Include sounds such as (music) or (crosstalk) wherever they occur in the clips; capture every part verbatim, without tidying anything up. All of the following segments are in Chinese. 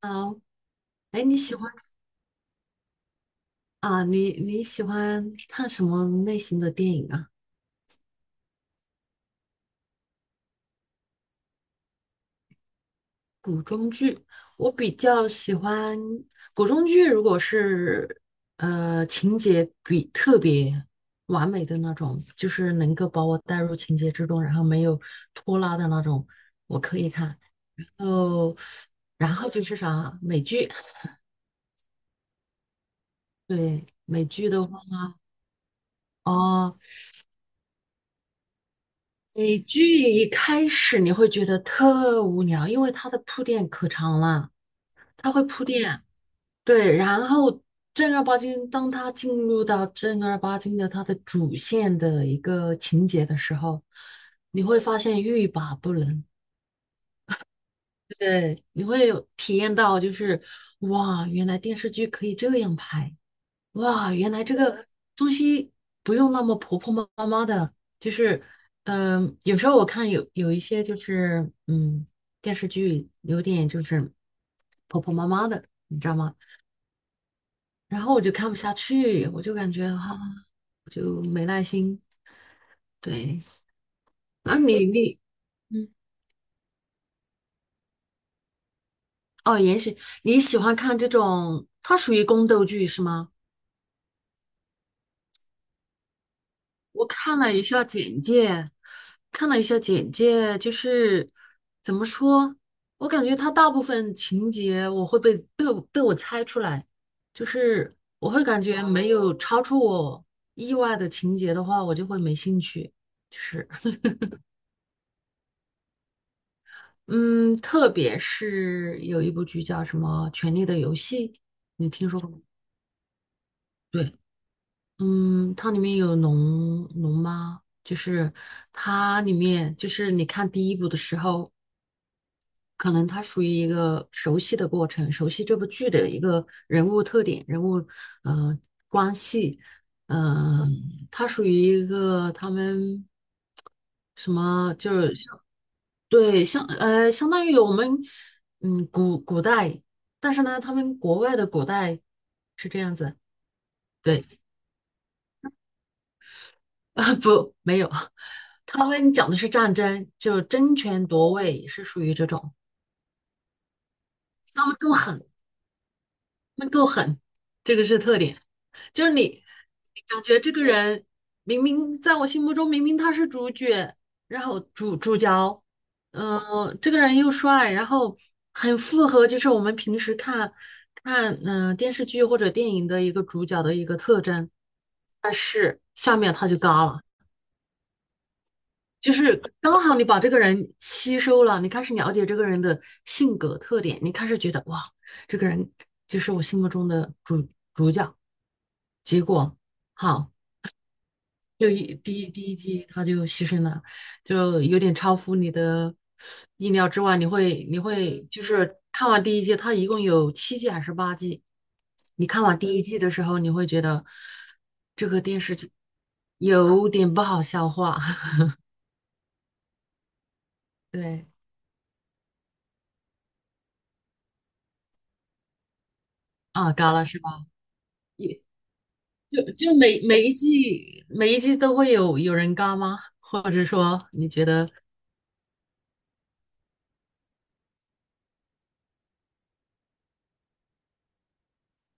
啊，哎，你喜欢啊？你你喜欢看什么类型的电影啊？我比较喜欢古装剧，如果是呃情节比特别完美的那种，就是能够把我带入情节之中，然后没有拖拉的那种，我可以看。哦，然后就是啥美剧，对美剧的话，哦，美剧一开始你会觉得特无聊，因为它的铺垫可长了，它会铺垫。对，然后正儿八经，当他进入到正儿八经的他的主线的一个情节的时候，你会发现欲罢不能。对，你会有体验到，就是哇，原来电视剧可以这样拍，哇，原来这个东西不用那么婆婆妈妈的，就是嗯、有时候我看有有一些就是嗯电视剧有点就是婆婆妈妈的，你知道吗？然后我就看不下去，我就感觉哈，啊我就没耐心。对，那你你嗯，哦，延禧，你喜欢看这种？它属于宫斗剧是吗？我看了一下简介，看了一下简介，就是怎么说，我感觉它大部分情节我会被被我被我猜出来，就是我会感觉没有超出我意外的情节的话，我就会没兴趣。就是。嗯，特别是有一部剧叫什么《权力的游戏》，你听说过吗？对，嗯，它里面有龙龙妈，就是它里面就是你看第一部的时候，可能它属于一个熟悉的过程，熟悉这部剧的一个人物特点、人物呃关系，呃，它属于一个他们什么就是像对相呃相当于我们嗯古古代，但是呢，他们国外的古代是这样子，对啊 (laughs) 不没有，他们讲的是战争，就争权夺位是属于这种，他们够狠，他们够狠，这个是特点。就是你，你感觉这个人明明在我心目中明明他是主角，然后主主角，嗯、这个人又帅，然后很符合就是我们平时看看嗯、呃电视剧或者电影的一个主角的一个特征，但是下面他就嘎了，就是刚好你把这个人吸收了，你开始了解这个人的性格特点，你开始觉得哇，这个人就是我心目中的主主角，结果好。就一第一第一季他就牺牲了，就有点超乎你的意料之外。你会你会就是看完第一季，它一共有七季还是八季？你看完第一季的时候，你会觉得这个电视剧有点不好消化。(laughs) 对，啊，嘎了是吧？就就每每一季每一季都会有有人嘎吗？或者说你觉得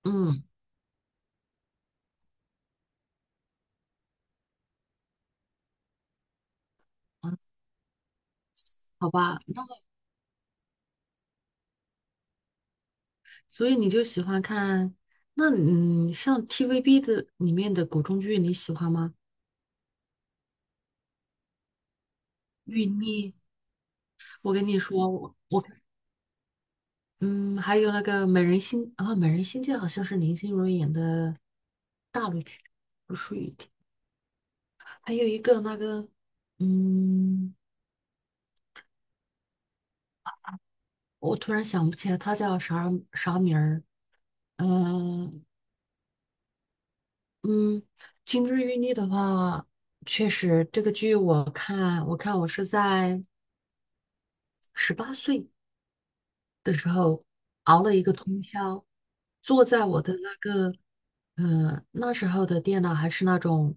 嗯嗯好吧？所以你就喜欢看，那嗯，像 T V B 的里面的古装剧，你喜欢吗？玉妮，我跟你说，我我嗯，还有那个美人心啊，美人心计好像是林心如演的大陆剧，不属于，还有一个那个嗯，我突然想不起来她叫啥啥名儿，呃嗯，金枝玉孽的话，确实这个剧我看我看我是在十八岁。的时候，熬了一个通宵，坐在我的那个，呃，那时候的电脑还是那种，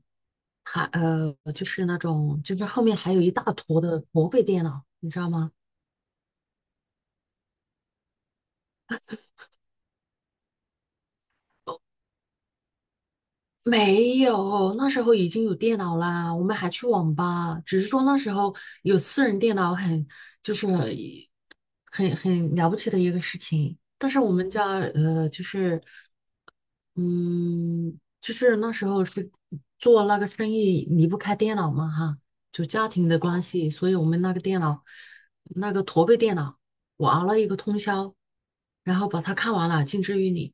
还呃，就是那种，就是后面还有一大坨的驼背电脑，你知道吗？没有，那时候已经有电脑啦，我们还去网吧，只是说那时候有私人电脑很，就是一很很了不起的一个事情。但是我们家呃，就是嗯，就是那时候是做那个生意离不开电脑嘛哈，就家庭的关系，所以我们那个电脑，那个驼背电脑，我熬了一个通宵，然后把它看完了，《近之于你》，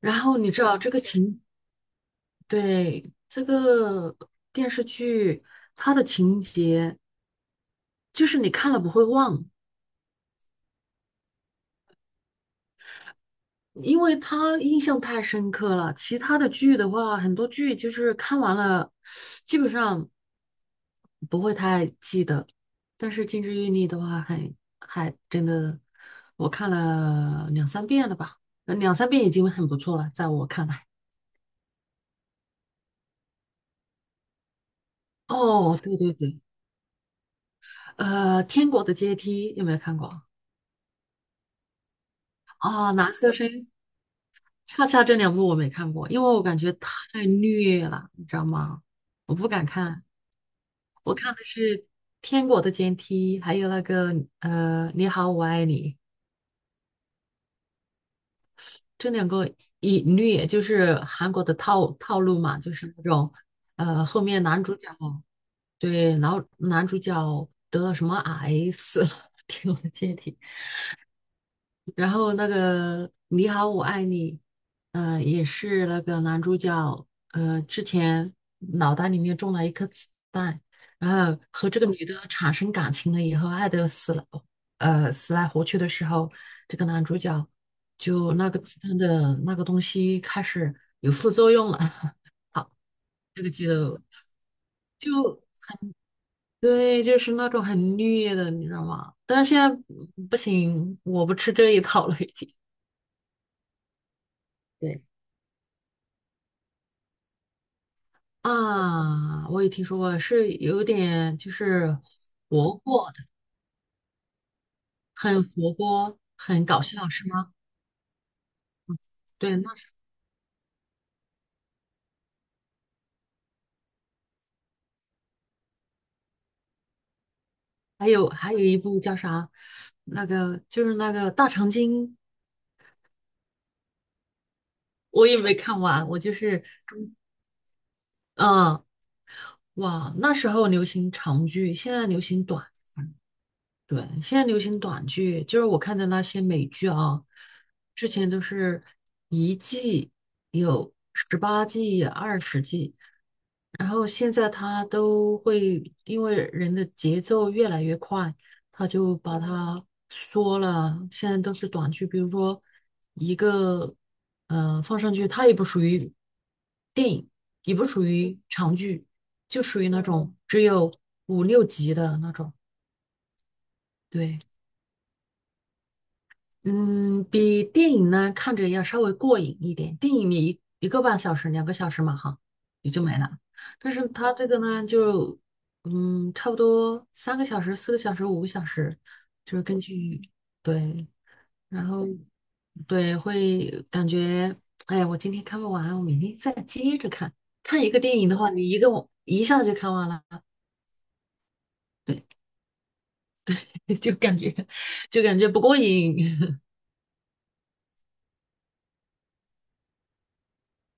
然后你知道这个情。对，这个电视剧，它的情节就是你看了不会忘，因为它印象太深刻了。其他的剧的话，很多剧就是看完了，基本上不会太记得。但是《金枝欲孽》的话还，还真的，我看了两三遍了吧，呃两三遍已经很不错了，在我看来。哦，对对对，呃，《天国的阶梯》有没有看过？哦，蓝色生恰恰这两部我没看过，因为我感觉太虐了，你知道吗？我不敢看，我看的是《天国的阶梯》，还有那个呃《你好，我爱你》，这两个一虐就是韩国的套套路嘛，就是那种呃后面男主角对，然后男主角得了什么癌死了，《天国的阶梯》然后那个《你好，我爱你》，呃，也是那个男主角，呃，之前脑袋里面中了一颗子弹，然后和这个女的产生感情了以后，爱得死了，呃，死来活去的时候，这个男主角就那个子弹的那个东西开始有副作用了，(laughs) 这个剧都就对，就是那种很虐的，你知道吗？但是现在不行，我不吃这一套了，已经。对。啊，我也听说过，是有点就是活泼的，很活泼，很搞笑，是吗？对，那是还有还有一部叫啥？那个就是那个大长今，我也没看完，我就是，嗯，哇，那时候流行长剧，现在流行短。对，现在流行短剧，就是我看的那些美剧啊，之前都是一季有十八季、二十季，然后现在它都会因为人的节奏越来越快，它就把它缩了。现在都是短剧，比如说一个呃放上去，它也不属于电影，也不属于长剧，就属于那嗯种只有五六集的那种。对，嗯，比电影呢看着要稍微过瘾一点。电影你一一个半小时、两个小时嘛，哈，也就没了。但是它这个呢，就嗯，差不多三个小时、四个小时、五个小时，就是根据对，然后对会感觉，哎，我今天看不完，我明天再接着看。看一个电影的话，你一个我一下就看完了，对，(laughs) 就感觉就感觉不过瘾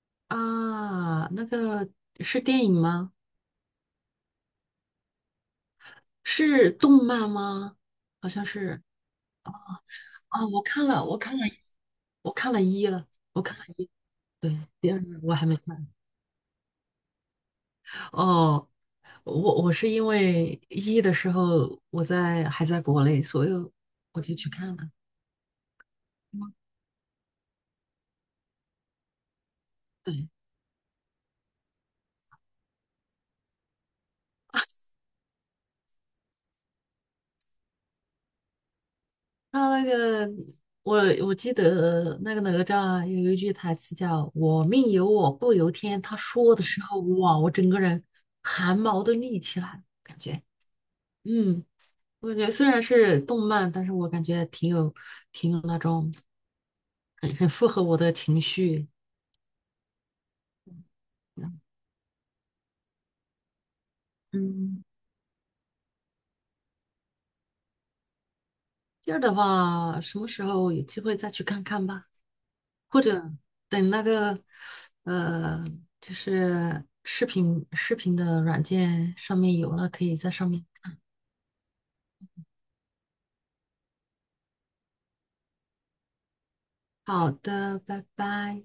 (laughs) 啊。那个是电影吗？是动漫吗？好像是哦，我看了，我看了，我看了一了，我看了一，对，第二我还没看。哦，我我是因为一的时候我在还在国内，所以我就去看了。嗯对，他那个我我记得那个哪吒啊有一句台词叫"我命由我不由天"，他说的时候，哇，我整个人汗毛都立起来感觉嗯。我感觉虽然是动漫，但是我感觉挺有挺有那种很很符合我的情绪。嗯，第二的话，什么时候有机会再去看看吧，或者等那个呃，就是视频视频的软件上面有了，可以在上面。好的，拜拜。